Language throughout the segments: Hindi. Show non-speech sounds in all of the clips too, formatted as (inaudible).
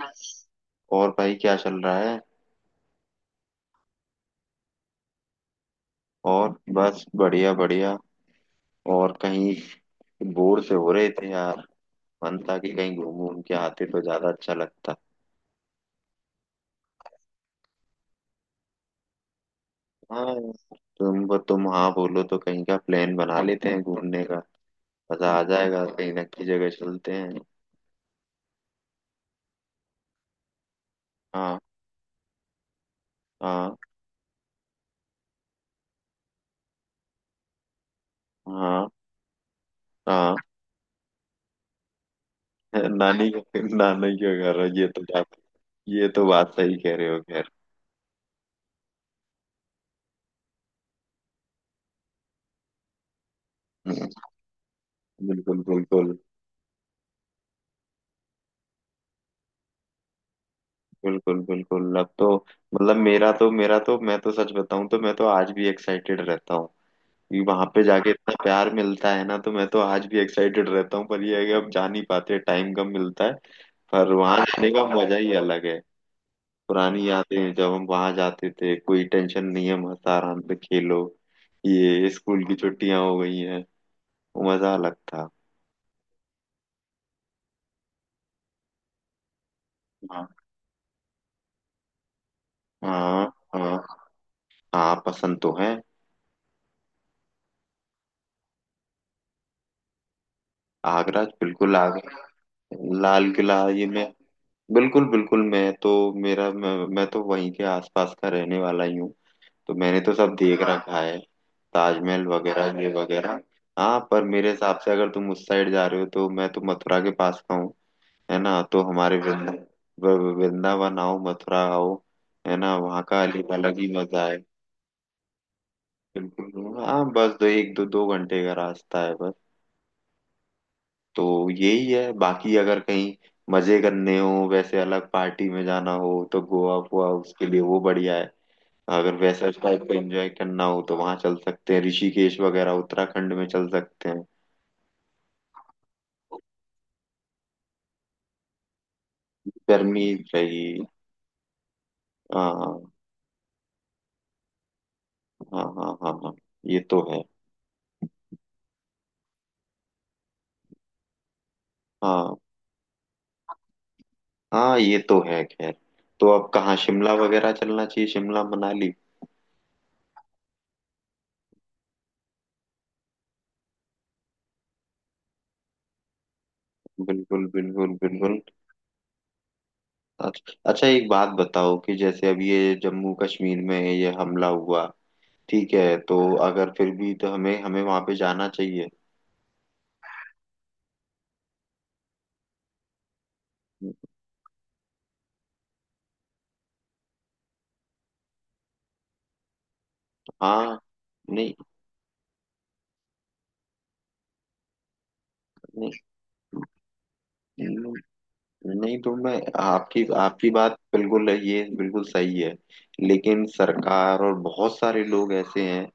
बस। और भाई क्या चल रहा है? और बस बढ़िया बढ़िया। और कहीं बोर से हो रहे थे यार। मन था कि कहीं घूम घूम के आते तो ज्यादा अच्छा लगता। हाँ यार, तुम हाँ बोलो तो कहीं का प्लान बना लेते हैं घूमने का। मजा आ जाएगा, कहीं ना कहीं जगह चलते हैं। हाँ, हाँ, हाँ, हाँ। (laughs) नानी का घर है, ये तो बात। ये तो बात सही कह रहे हो, खैर। (laughs) बिल्कुल बिल्कुल। बिल्कुल बिल्कुल। अब तो मतलब मेरा तो मैं तो सच बताऊं तो मैं तो आज भी एक्साइटेड रहता हूँ। क्योंकि वहां पे जाके इतना प्यार मिलता है ना, तो मैं तो आज भी एक्साइटेड रहता हूँ, पर ये है कि अब जा नहीं पाते, टाइम कम मिलता है। पर वहां जाने का मजा ही अलग है। पुरानी यादें, जब हम वहां जाते थे, कोई टेंशन नहीं है, मस्त आराम से खेलो। ये स्कूल की छुट्टियां हो गई हैं। वो मजा अलग था। हाँ, हाँ, हाँ, हाँ, पसंद तो है। आगरा बिल्कुल, आगरा। लाल किला, ये मैं। बिल्कुल बिल्कुल, मैं तो मेरा, मैं तो वहीं के आसपास का रहने वाला ही हूँ। तो मैंने तो सब देख रखा है। ताजमहल वगैरह, ये वगैरह। हाँ, पर मेरे हिसाब से अगर तुम उस साइड जा रहे हो, तो मैं तो मथुरा के पास का हूँ। है ना, तो वृंदावन आओ, मथुरा आओ। है ना, वहाँ का अलग अलग ही मजा है। बिल्कुल। हाँ, बस दो एक दो दो घंटे का रास्ता है, बस। तो यही है, बाकी अगर कहीं मजे करने हो, वैसे अलग पार्टी में जाना हो, तो गोवा हुआ, उसके लिए वो बढ़िया है। अगर वैसा टाइप का एंजॉय करना हो तो वहां चल सकते हैं, ऋषिकेश वगैरह उत्तराखंड में चल सकते हैं। गर्मी रही। हाँ, हाँ, हाँ, हाँ, हाँ, ये तो है। हाँ, हाँ, ये तो है, खैर। तो अब कहाँ, शिमला वगैरह चलना चाहिए, शिमला मनाली। बिल्कुल, बिल्कुल, बिल्कुल। अच्छा, अच्छा, एक बात बताओ, कि जैसे अब ये जम्मू कश्मीर में ये हमला हुआ, ठीक है, तो अगर फिर भी तो हमें हमें वहां पे जाना चाहिए? हाँ। नहीं। नहीं, नहीं, तो मैं आपकी आपकी बात बिल्कुल है, ये बिल्कुल सही है। लेकिन सरकार और बहुत सारे लोग ऐसे हैं,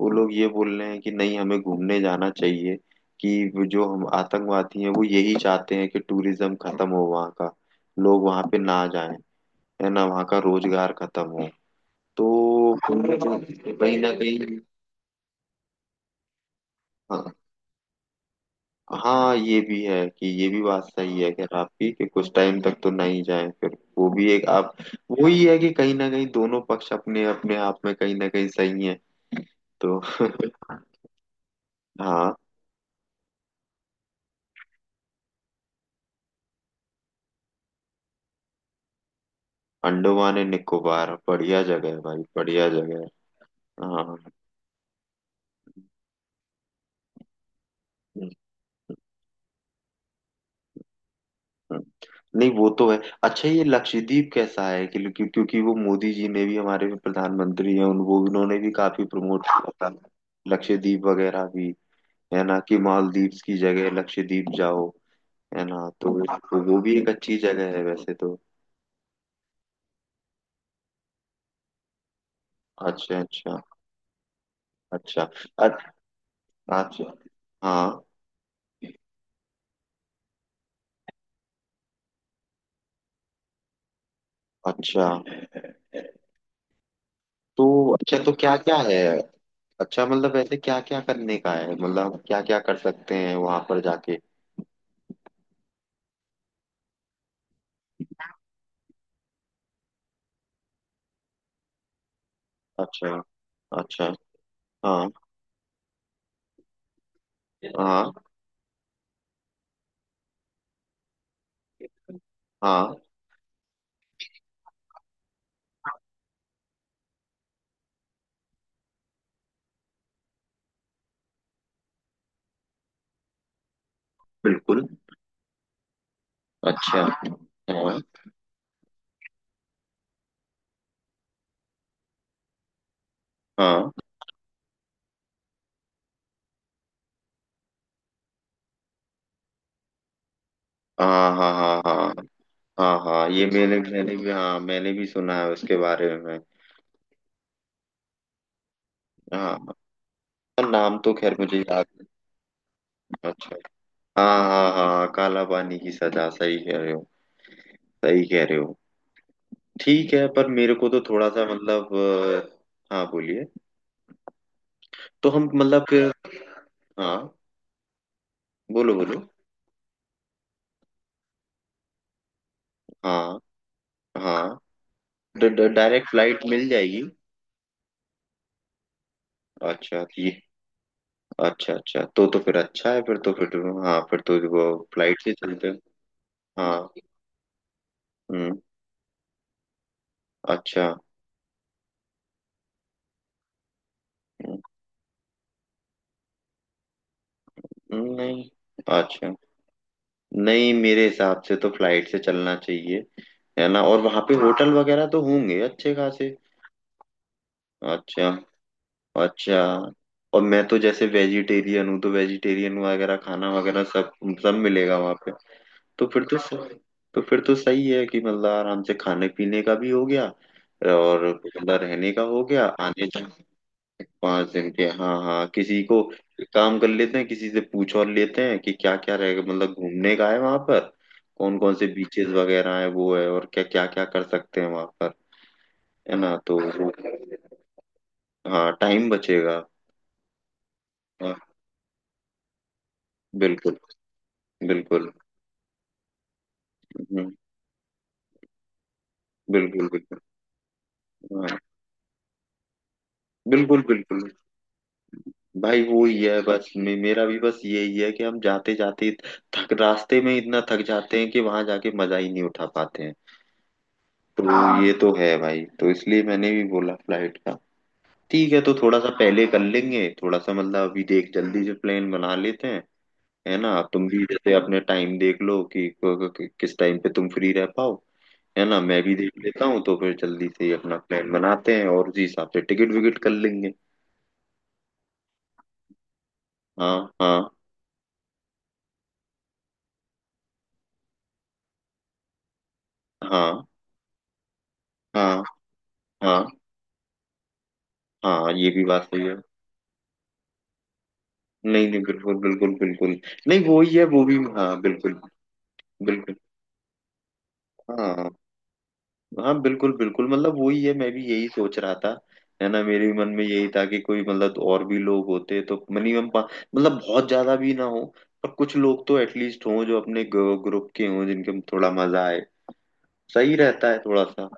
वो लोग ये बोल रहे हैं कि नहीं, हमें घूमने जाना चाहिए। कि वो जो हम आतंकवादी हैं वो यही चाहते हैं कि टूरिज्म खत्म हो वहाँ का, लोग वहाँ पे ना जाएं। है ना, वहाँ का रोजगार खत्म हो। तो कहीं ना कहीं। हाँ, हाँ, ये भी है कि ये भी बात सही है, खैर, आपकी कि कुछ टाइम तक तो नहीं जाए फिर। वो भी एक आप। वही है कि कहीं ना कहीं दोनों पक्ष अपने अपने आप में कहीं ना कहीं सही है। तो हाँ। अंडमान एंड निकोबार बढ़िया जगह है भाई, बढ़िया जगह है। हाँ। हम्म। हम्म। नहीं, वो तो है। अच्छा, ये लक्षद्वीप कैसा है, कि क्योंकि वो मोदी जी ने भी, हमारे प्रधानमंत्री हैं उन, वो उन्होंने भी काफी प्रमोट किया था, लक्षद्वीप वगैरह भी। है ना, कि मालदीव्स की जगह लक्षद्वीप जाओ। है ना, तो वो भी एक अच्छी जगह है वैसे तो। अच्छा। अच्छा। अच्छा। अ- अच्छा। हाँ। अच्छा। तो अच्छा, तो क्या क्या है? अच्छा, मतलब वैसे क्या क्या करने का है, मतलब क्या क्या कर सकते हैं वहां पर जाके? अच्छा, अच्छा। हाँ, हाँ, हाँ, बिल्कुल। अच्छा। हाँ, हाँ, हाँ, हाँ, हाँ, हाँ, हाँ, हाँ, ये मैंने मैंने भी, हाँ, मैंने भी सुना है उसके बारे में। हाँ, नाम तो खैर मुझे याद। अच्छा। हाँ, हाँ, हाँ, काला पानी की सजा, सही कह रहे हो, सही कह रहे हो। ठीक है, पर मेरे को तो थोड़ा सा मतलब। हाँ, बोलिए। तो हम। हाँ, बोलो, बोलो। हाँ, हाँ। डायरेक्ट फ्लाइट मिल जाएगी? अच्छा, ये। अच्छे। चलते हैं। हाँ। हम्म। अच्छा। हम्म। हम्म। नहीं। अच्छा। नहीं, मेरे हिसाब से तो फ्लाइट से चलना चाहिए। है ना, और वहाँ पे होटल वगैरह तो होंगे अच्छे खासे? अच्छा, अच्छा। और मैं तो जैसे वेजिटेरियन हूँ, तो वेजिटेरियन वगैरह खाना वगैरह सब, सब मिलेगा वहां पे? तो फिर तो सही, तो फिर तो सही है कि मतलब आराम से खाने पीने का भी हो गया और मतलब रहने का हो गया, आने जाने। पाँच दिन के, हाँ, हाँ। किसी को एक काम कर लेते हैं, किसी से पूछ और लेते हैं कि क्या क्या रहेगा, मतलब घूमने का है वहां पर, कौन कौन से बीचेस वगैरह है वो है, और क्या क्या क्या कर सकते हैं वहां पर। है ना, तो हाँ, टाइम बचेगा। हाँ, बिल्कुल, बिल्कुल। हम्म, बिल्कुल, बिल्कुल। हाँ, बिल्कुल, बिल्कुल। भाई वो ही है, बस मेरा भी बस यही है कि हम जाते जाते थक रास्ते में इतना थक जाते हैं कि वहां जाके मजा ही नहीं उठा पाते हैं। तो ये, हाँ, ये तो है भाई, तो इसलिए मैंने भी बोला फ्लाइट का। ठीक है, तो थोड़ा सा पहले कर लेंगे, थोड़ा सा मतलब अभी देख, जल्दी से प्लान बना लेते हैं। है ना, तुम भी जैसे अपने टाइम देख लो कि, किस टाइम पे तुम फ्री रह पाओ। है ना, मैं भी देख लेता हूँ, तो फिर जल्दी से ही अपना प्लान बनाते हैं और उसी हिसाब से टिकट विकेट कर लेंगे। हाँ, हाँ, हाँ, हाँ, हाँ, हाँ, ये भी बात सही है। नहीं, नहीं, बिल्कुल, बिल्कुल, बिल्कुल। नहीं, वो ही है, वो भी, हाँ, बिल्कुल। बिल्कुल। हाँ, हाँ, बिल्कुल, बिल्कुल, मतलब वही है, मैं भी यही सोच रहा था। है ना, मेरे भी मन में यही था कि कोई मतलब, तो और भी लोग होते तो, मिनिमम, मतलब बहुत ज्यादा भी ना हो, पर कुछ लोग तो एटलीस्ट हों जो अपने ग्रुप के हों, जिनके थोड़ा मजा आए, सही रहता है थोड़ा सा।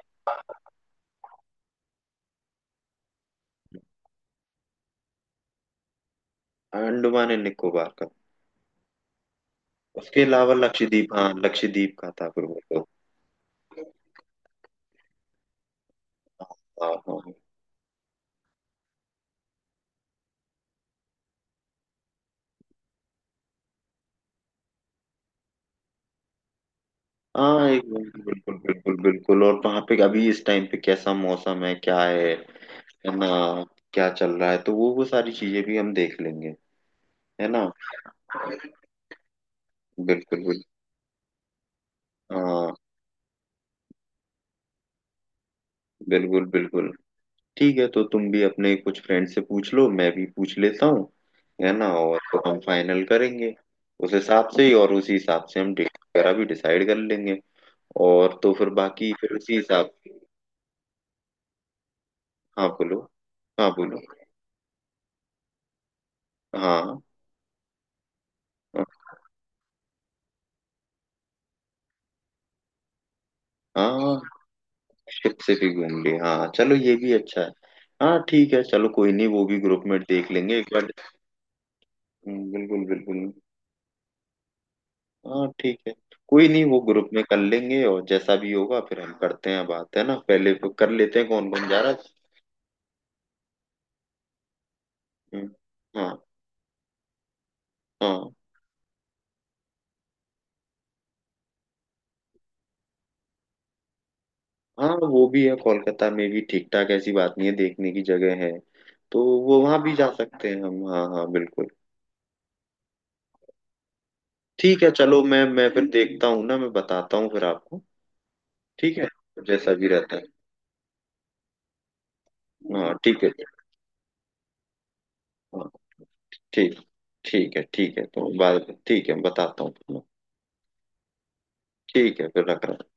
अंडमान एंड निकोबार का। उसके अलावा लक्षद्वीप, हाँ, लक्षद्वीप का था, फिर वो तो हाँ, हाँ, हाँ। हाँ, एक मिनट, बिल्कुल, बिल्कुल, बिल्कुल। और वहां पे अभी इस टाइम पे कैसा मौसम है, क्या है ना, क्या चल रहा है, तो वो सारी चीजें भी हम देख लेंगे। है ना, बिल्कुल, बिल्कुल। हाँ, बिल्कुल, बिल्कुल। ठीक है, तो तुम भी अपने कुछ फ्रेंड से पूछ लो, मैं भी पूछ लेता हूँ, है ना, और तो हम फाइनल करेंगे उस हिसाब से ही, और उसी हिसाब से हम डेट वगैरह भी डिसाइड कर लेंगे, और तो फिर बाकी फिर उसी हिसाब। हाँ, बोलो। हाँ, बोलो। हाँ, हाँ, हाँ। शिप से भी घूम लिए, हाँ, चलो, ये भी अच्छा है। हाँ, ठीक है, चलो, कोई नहीं, वो भी ग्रुप में देख लेंगे एक बार। बिल्कुल, बिल्कुल। हाँ, ठीक है, कोई नहीं, वो ग्रुप में कर लेंगे, और जैसा भी होगा फिर हम करते हैं बात, है ना, पहले वो कर लेते हैं कौन कौन जा रहा है। हम्म। हाँ, हाँ। हाँ, वो भी है, कोलकाता में भी ठीक ठाक, ऐसी बात नहीं है, देखने की जगह है, तो वो वहां भी जा सकते हैं हम। हाँ, हाँ, बिल्कुल। ठीक है, चलो, मैं फिर देखता हूँ ना, मैं बताता हूँ फिर आपको। ठीक है, जैसा भी रहता है। हाँ, ठीक है। हाँ, ठीक। ठीक है, ठीक है, तो बाद में, ठीक है, बताता हूँ तुम्हें। ठीक है, फिर रख रहा हूँ।